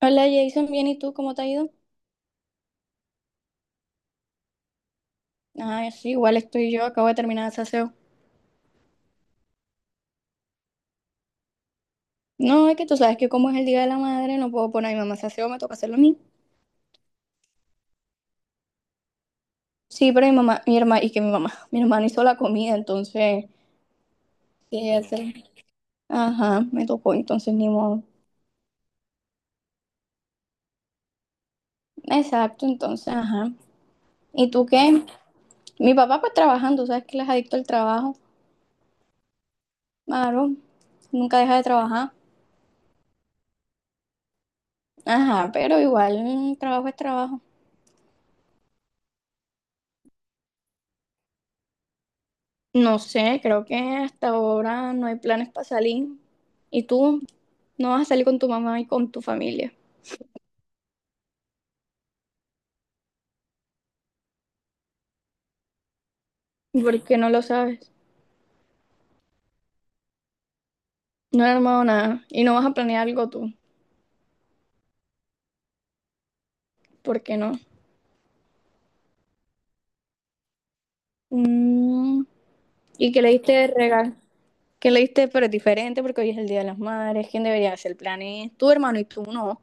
Hola Jason, bien, ¿y tú cómo te ha ido? Ah, sí, igual estoy yo, acabo de terminar el saseo. No, es que tú sabes que como es el Día de la Madre, no puedo poner a mi mamá a saseo, me toca hacerlo a mí. Sí, pero mi mamá, mi hermana, mi hermana hizo la comida, entonces, ¿qué hacer? Ajá, me tocó, entonces ni modo. Exacto, entonces, ajá. ¿Y tú qué? Mi papá pues trabajando, sabes que él es adicto al trabajo, claro, nunca deja de trabajar. Ajá, pero igual, trabajo es trabajo. No sé, creo que hasta ahora no hay planes para salir. Y tú no vas a salir con tu mamá y con tu familia. ¿Por qué no lo sabes? No he armado nada. Y no vas a planear algo tú. ¿Por qué no? Mm, ¿Y qué le diste de regalo? ¿Qué le diste? Pero es diferente porque hoy es el Día de las Madres. ¿Quién debería hacer planes? Tu hermano y tú no.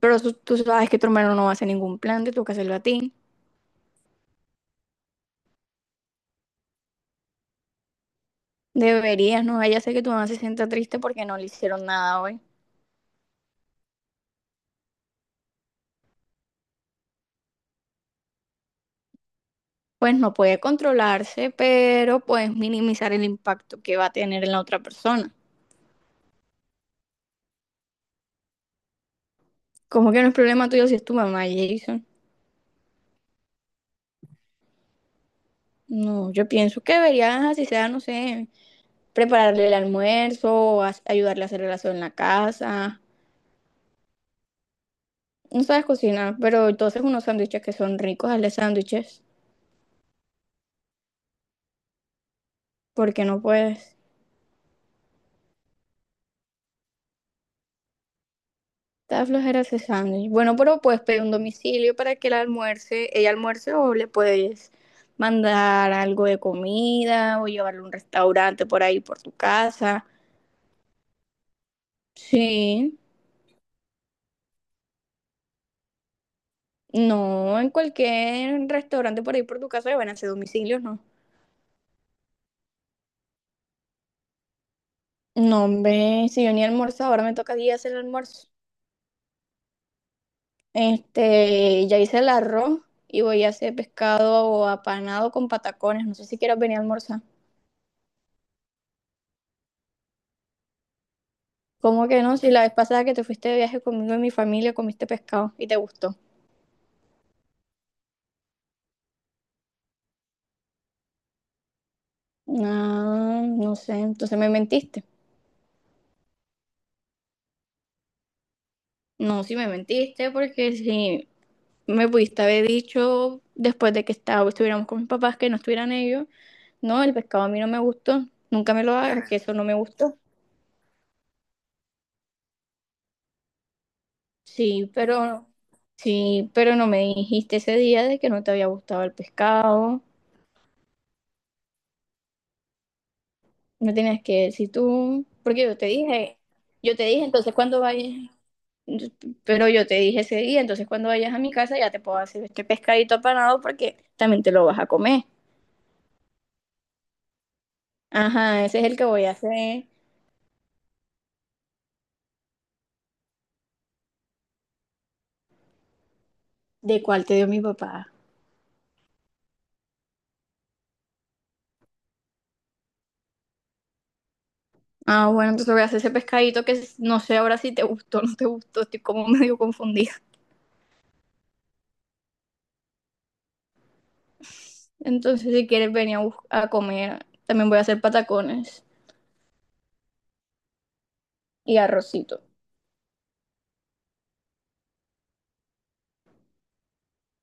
Pero tú sabes que tu hermano no va a hacer ningún plan, te toca hacerlo a ti. Deberías, no vaya a ser que tu mamá se sienta triste porque no le hicieron nada hoy. Pues no puede controlarse, pero puedes minimizar el impacto que va a tener en la otra persona. ¿Cómo que no es problema tuyo si es tu mamá, Jason? No, yo pienso que deberías, así sea, no sé, prepararle el almuerzo, o ayudarle a hacer el asado en la casa. No sabes cocinar, pero entonces unos sándwiches que son ricos, hazle sándwiches, porque no puedes. Está flojera ese sándwich. Bueno, pero puedes pedir un domicilio para que ella almuerce o le puedes mandar algo de comida o llevarle a un restaurante por ahí por tu casa. Sí, no, en cualquier restaurante por ahí por tu casa le van a hacer domicilios, ¿no? No, hombre, si yo ni almuerzo, ahora me toca a mí hacer el almuerzo. Ya hice el arroz y voy a hacer pescado apanado con patacones. No sé si quieres venir a almorzar. ¿Cómo que no? Si la vez pasada que te fuiste de viaje conmigo y mi familia comiste pescado y te gustó. Ah, no sé, entonces me mentiste. No, sí me mentiste porque si me pudiste haber dicho después de que estuviéramos con mis papás que no estuvieran ellos, no, el pescado a mí no me gustó, nunca me lo hagas, que eso no me gustó. Sí, pero sí, pero no me dijiste ese día de que no te había gustado el pescado. No tenías que decir tú, porque yo te dije, entonces cuando vayas. Pero yo te dije ese día, entonces cuando vayas a mi casa ya te puedo hacer este pescadito apanado porque también te lo vas a comer. Ajá, ese es el que voy a hacer. ¿De cuál te dio mi papá? Ah, bueno, entonces voy a hacer ese pescadito que no sé ahora si te gustó o no te gustó, estoy como medio confundida. Entonces, si quieres venir a comer, también voy a hacer patacones y arrocito.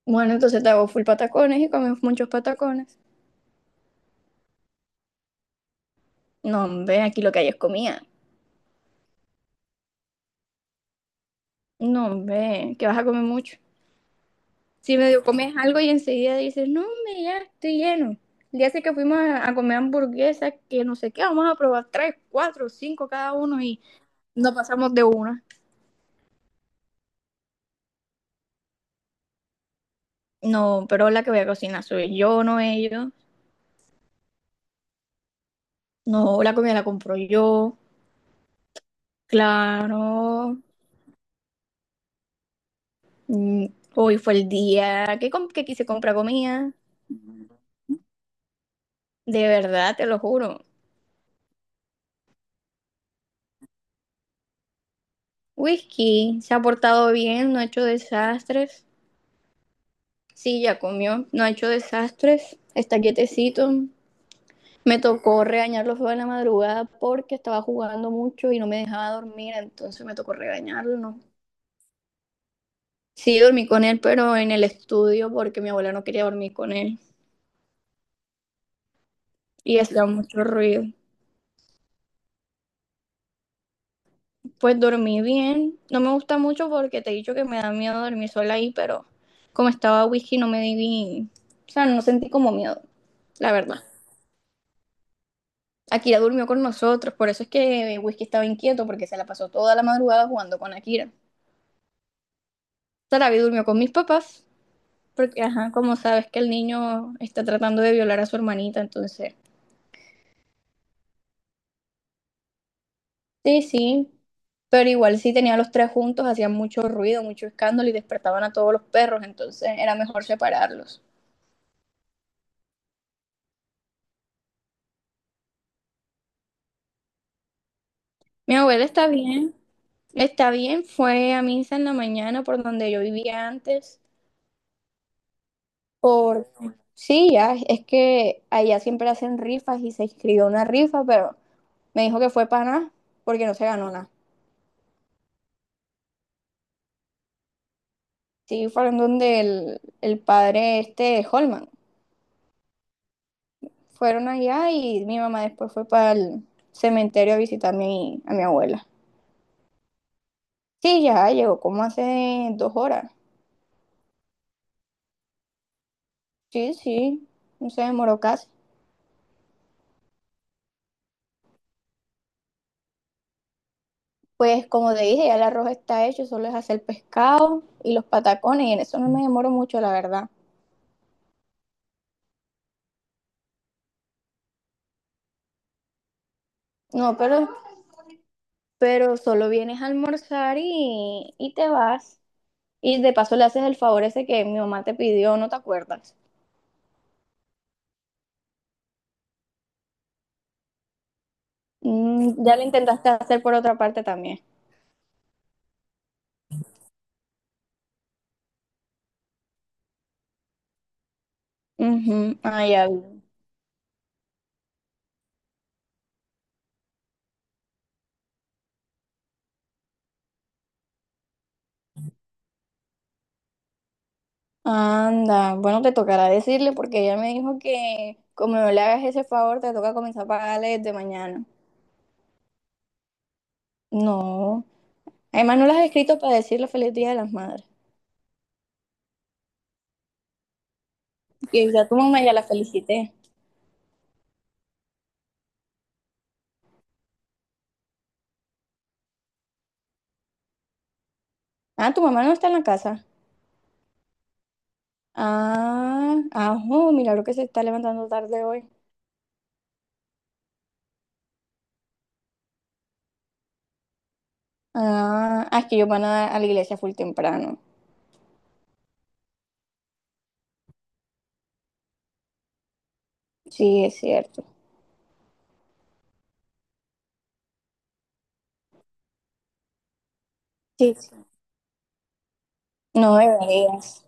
Bueno, entonces te hago full patacones y comemos muchos patacones. No, hombre, aquí lo que hay es comida. No, hombre, que vas a comer mucho. Si medio comes algo y enseguida dices, no, hombre, ya estoy lleno. El día ese que fuimos a comer hamburguesas, que no sé qué, vamos a probar tres, cuatro, cinco cada uno y no pasamos de una. No, pero la que voy a cocinar soy yo, no ellos. No, la comida la compro yo, claro. Mm, Hoy fue el día que quise comprar comida. De verdad, te lo juro. Whisky se ha portado bien, no ha hecho desastres. Sí, ya comió, no ha hecho desastres. Está quietecito. Me tocó regañarlo fue en la madrugada porque estaba jugando mucho y no me dejaba dormir, entonces me tocó regañarlo, ¿no? Sí, dormí con él, pero en el estudio porque mi abuela no quería dormir con él y hacía mucho ruido. Pues dormí bien, no me gusta mucho porque te he dicho que me da miedo dormir sola ahí, pero como estaba whisky no me di, o sea, no sentí como miedo, la verdad. Akira durmió con nosotros, por eso es que Whisky estaba inquieto porque se la pasó toda la madrugada jugando con Akira. Sarabi durmió con mis papás. Porque, ajá, como sabes que el niño está tratando de violar a su hermanita, entonces, sí, sí, pero igual si tenían los tres juntos, hacían mucho ruido, mucho escándalo y despertaban a todos los perros, entonces era mejor separarlos. Mi abuela está bien, fue a misa en la mañana por donde yo vivía antes, por... Sí, ya, es que allá siempre hacen rifas y se inscribió una rifa, pero me dijo que fue para nada, porque no se ganó nada. Sí, fueron donde el padre este, Holman. Fueron allá y mi mamá después fue para el cementerio a visitar a mi abuela. Sí, ya llegó como hace 2 horas. Sí, sí, no se demoró casi. Pues como te dije, ya el arroz está hecho, solo es hacer pescado y los patacones, y en eso no me demoro mucho, la verdad. No, pero solo vienes a almorzar y te vas. Y de paso le haces el favor ese que mi mamá te pidió, ¿no te acuerdas? Ya lo intentaste hacer por otra parte también. Ujú. Ah, ya vi. Anda, bueno, te tocará decirle porque ella me dijo que como no le hagas ese favor, te toca comenzar a pagarle desde mañana. No, además no las has escrito para decirle feliz Día de las Madres. Que ya tu mamá ya la felicité. Ah, ¿tu mamá no está en la casa? Ah, ajo, milagro que se está levantando tarde hoy. Ah, ah, es que ellos van a la iglesia full temprano. Sí, es cierto. Sí, sí. No deberías.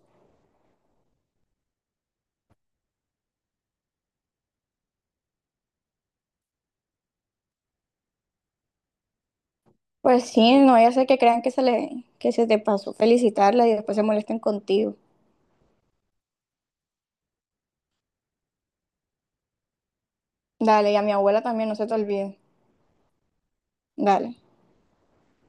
Pues sí, no vaya a ser que crean que se te pasó felicitarla y después se molesten contigo. Dale, y a mi abuela también, no se te olvide. Dale.